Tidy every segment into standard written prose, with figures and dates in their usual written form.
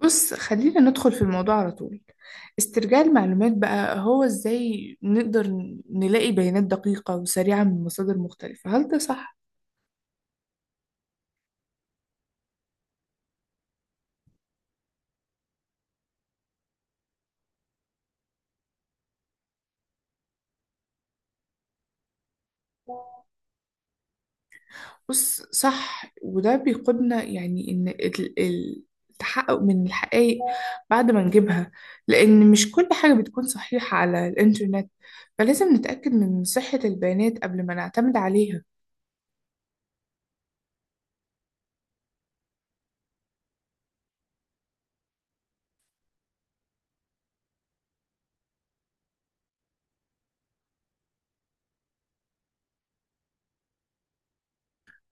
بص، خلينا ندخل في الموضوع على طول. استرجاع المعلومات بقى هو ازاي نقدر نلاقي بيانات دقيقة وسريعة من مصادر مختلفة، هل ده صح؟ بص، صح. وده بيقودنا يعني ان التحقق من الحقائق بعد ما نجيبها، لان مش كل حاجة بتكون صحيحة على الانترنت، فلازم نتأكد من صحة البيانات قبل ما نعتمد عليها.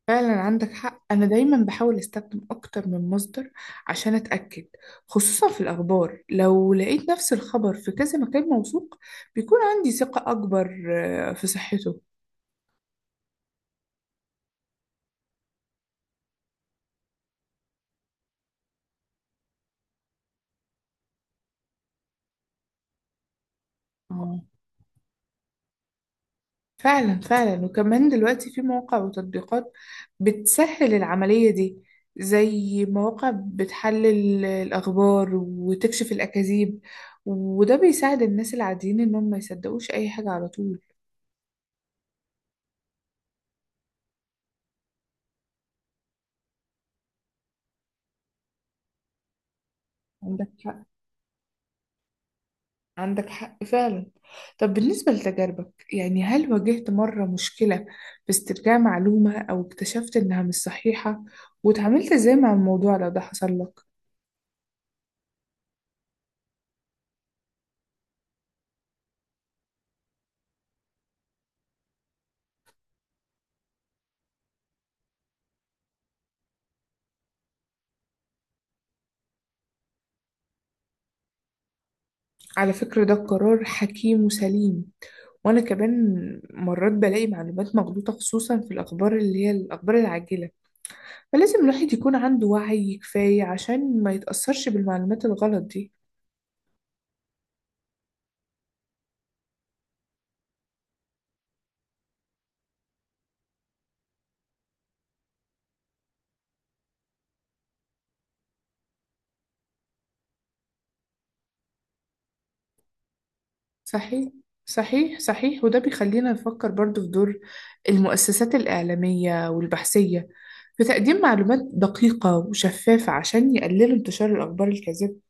فعلا عندك حق. أنا دايما بحاول أستخدم أكتر من مصدر عشان أتأكد، خصوصا في الأخبار. لو لقيت نفس الخبر في كذا مكان موثوق بيكون عندي ثقة أكبر في صحته. اه، فعلا فعلا. وكمان دلوقتي في مواقع وتطبيقات بتسهل العملية دي، زي مواقع بتحلل الأخبار وتكشف الأكاذيب، وده بيساعد الناس العاديين إنهم ما يصدقوش أي حاجة على طول. عندك حق، عندك حق فعلا. طب بالنسبة لتجاربك يعني، هل واجهت مرة مشكلة في استرجاع معلومة أو اكتشفت إنها مش صحيحة واتعاملت إزاي مع الموضوع لو ده حصل لك؟ على فكرة ده قرار حكيم وسليم. وأنا كمان مرات بلاقي معلومات مغلوطة، خصوصا في الأخبار اللي هي الأخبار العاجلة، فلازم الواحد يكون عنده وعي كفاية عشان ما يتأثرش بالمعلومات الغلط دي. صحيح، صحيح صحيح. وده بيخلينا نفكر برضو في دور المؤسسات الإعلامية والبحثية في تقديم معلومات دقيقة وشفافة عشان يقللوا انتشار الأخبار الكاذبة.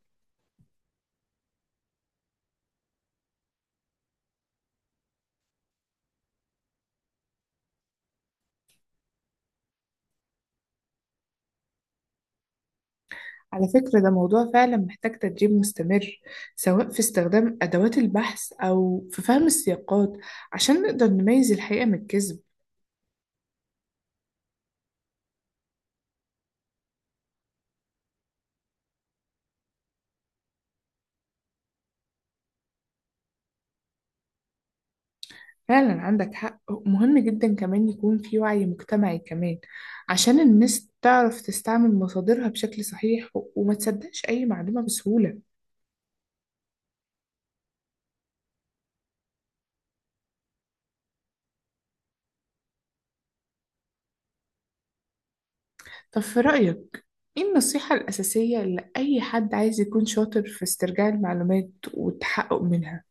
على فكرة ده موضوع فعلا محتاج تدريب مستمر، سواء في استخدام أدوات البحث أو في فهم السياقات، عشان نقدر نميز الحقيقة من الكذب. فعلا عندك حق. مهم جدا كمان يكون في وعي مجتمعي كمان، عشان الناس تعرف تستعمل مصادرها بشكل صحيح وما تصدقش أي معلومة بسهولة. طب في رأيك إيه النصيحة الأساسية لأي حد عايز يكون شاطر في استرجاع المعلومات والتحقق منها؟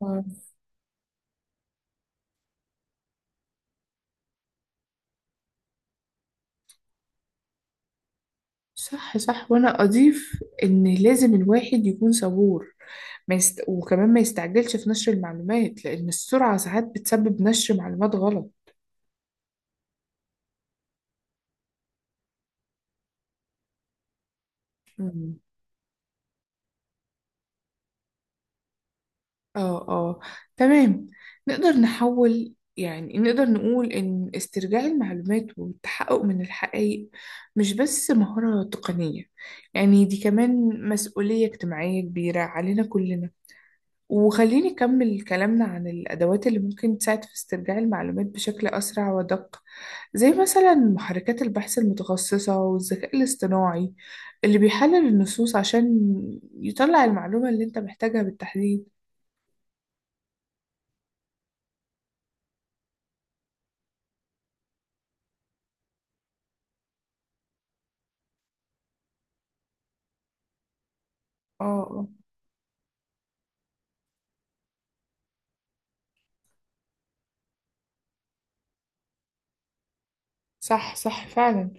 مم. صح صح. وأنا أضيف إن لازم الواحد يكون صبور. ما يست... وكمان ما يستعجلش في نشر المعلومات، لأن السرعة ساعات بتسبب نشر معلومات غلط. اه، اه. تمام. نقدر نحول، يعني نقدر نقول إن استرجاع المعلومات والتحقق من الحقائق مش بس مهارة تقنية، يعني دي كمان مسؤولية اجتماعية كبيرة علينا كلنا. وخليني أكمل كلامنا عن الأدوات اللي ممكن تساعد في استرجاع المعلومات بشكل أسرع ودق، زي مثلا محركات البحث المتخصصة والذكاء الاصطناعي اللي بيحلل النصوص عشان يطلع المعلومة اللي أنت محتاجها بالتحديد. اه، اه. صح صح فعلا.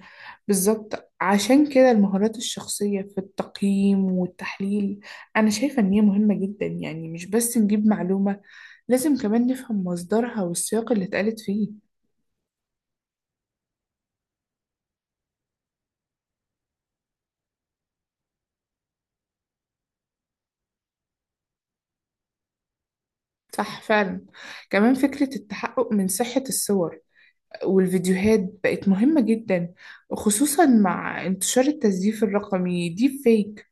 بالظبط، عشان كده المهارات الشخصية في التقييم والتحليل أنا شايفة إن هي مهمة جدا. يعني مش بس نجيب معلومة، لازم كمان نفهم مصدرها والسياق اللي اتقالت فيه. صح فعلا. كمان فكرة التحقق من صحة الصور والفيديوهات بقت مهمة جدا، وخصوصا مع انتشار التزييف الرقمي ديب فيك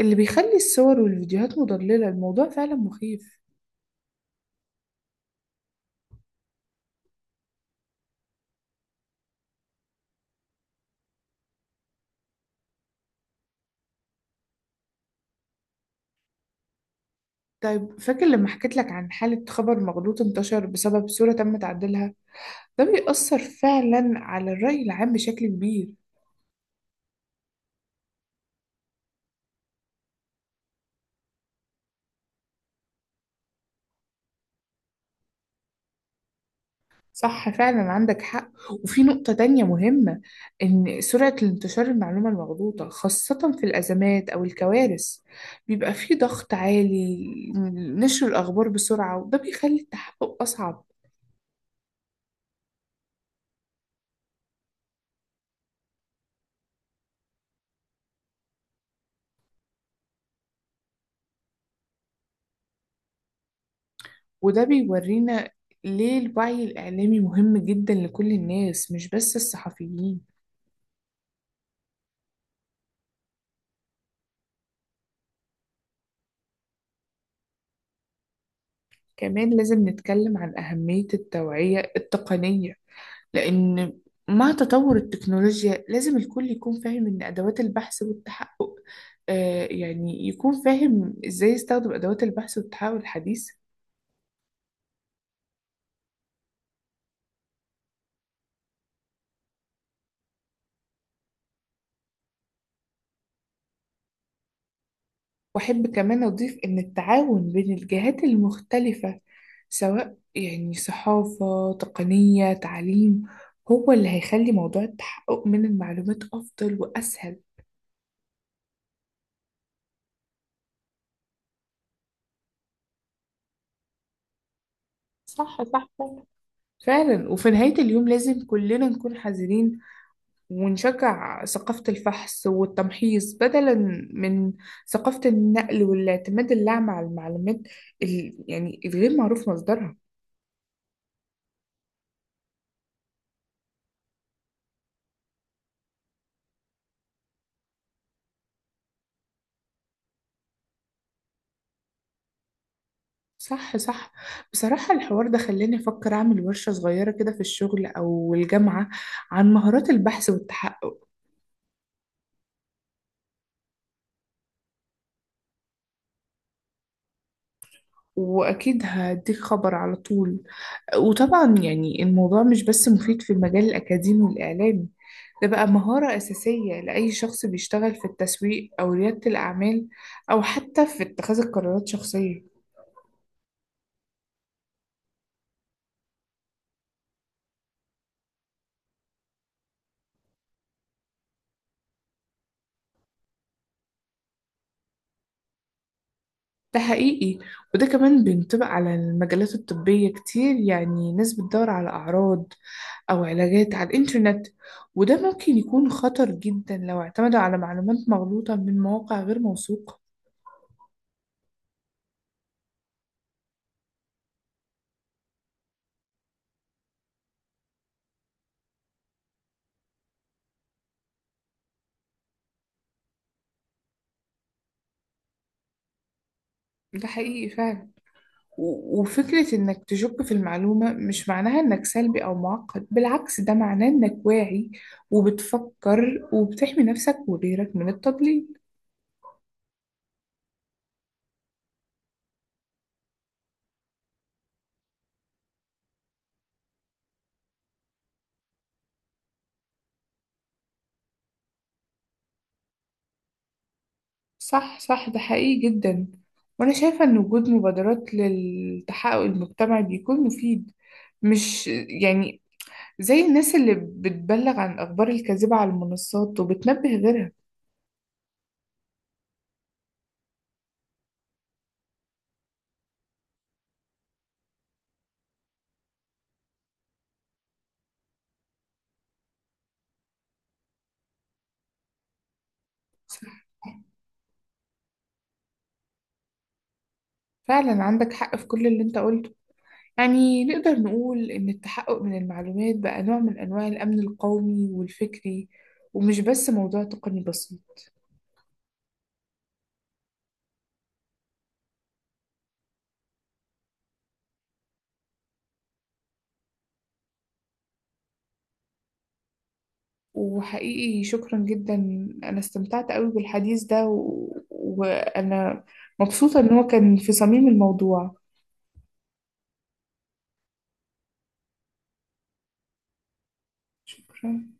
اللي بيخلي الصور والفيديوهات مضللة. الموضوع فعلا مخيف. طيب، فاكر لما حكيت لك عن حالة خبر مغلوط انتشر بسبب صورة تم تعديلها؟ ده بيأثر فعلا على الرأي العام بشكل كبير. صح فعلا، عندك حق. وفي نقطة تانية مهمة، إن سرعة الانتشار المعلومة المغلوطة خاصة في الأزمات أو الكوارث بيبقى فيه ضغط عالي نشر الأخبار بسرعة، وده بيخلي التحقق أصعب. وده بيورينا ليه الوعي الإعلامي مهم جدا لكل الناس مش بس الصحفيين. كمان لازم نتكلم عن أهمية التوعية التقنية، لأن مع تطور التكنولوجيا لازم الكل يكون فاهم إن أدوات البحث والتحقق يعني يكون فاهم إزاي يستخدم أدوات البحث والتحقق الحديث. وأحب كمان أضيف إن التعاون بين الجهات المختلفة، سواء يعني صحافة تقنية تعليم، هو اللي هيخلي موضوع التحقق من المعلومات أفضل وأسهل. صح صح فعلا. وفي نهاية اليوم لازم كلنا نكون حذرين ونشجع ثقافة الفحص والتمحيص بدلا من ثقافة النقل والاعتماد الأعمى على المعلومات يعني الغير معروف مصدرها. صح صح. بصراحة الحوار ده خلاني أفكر أعمل ورشة صغيرة كده في الشغل أو الجامعة عن مهارات البحث والتحقق. وأكيد هديك خبر على طول. وطبعا يعني الموضوع مش بس مفيد في المجال الأكاديمي والإعلامي، ده بقى مهارة أساسية لأي شخص بيشتغل في التسويق أو ريادة الأعمال، أو حتى في اتخاذ القرارات شخصية. ده حقيقي. وده كمان بينطبق على المجالات الطبية كتير، يعني ناس بتدور على أعراض أو علاجات على الإنترنت، وده ممكن يكون خطر جدا لو اعتمدوا على معلومات مغلوطة من مواقع غير موثوقة. ده حقيقي فعلا. وفكرة إنك تشك في المعلومة مش معناها إنك سلبي أو معقد، بالعكس ده معناه إنك واعي وبتفكر وبتحمي نفسك وغيرك من التضليل. صح صح، ده حقيقي جدا. وأنا شايفة إن وجود مبادرات للتحقق المجتمعي بيكون مفيد. مش يعني، زي الناس اللي بتبلغ عن الأخبار الكاذبة على المنصات وبتنبه غيرها. صح فعلا عندك حق في كل اللي أنت قلته. يعني نقدر نقول إن التحقق من المعلومات بقى نوع من أنواع الأمن القومي والفكري، ومش بس موضوع تقني بسيط. وحقيقي شكرا جدا، أنا استمتعت قوي بالحديث ده وأنا مبسوطة إن هو كان في صميم الموضوع. شكرا.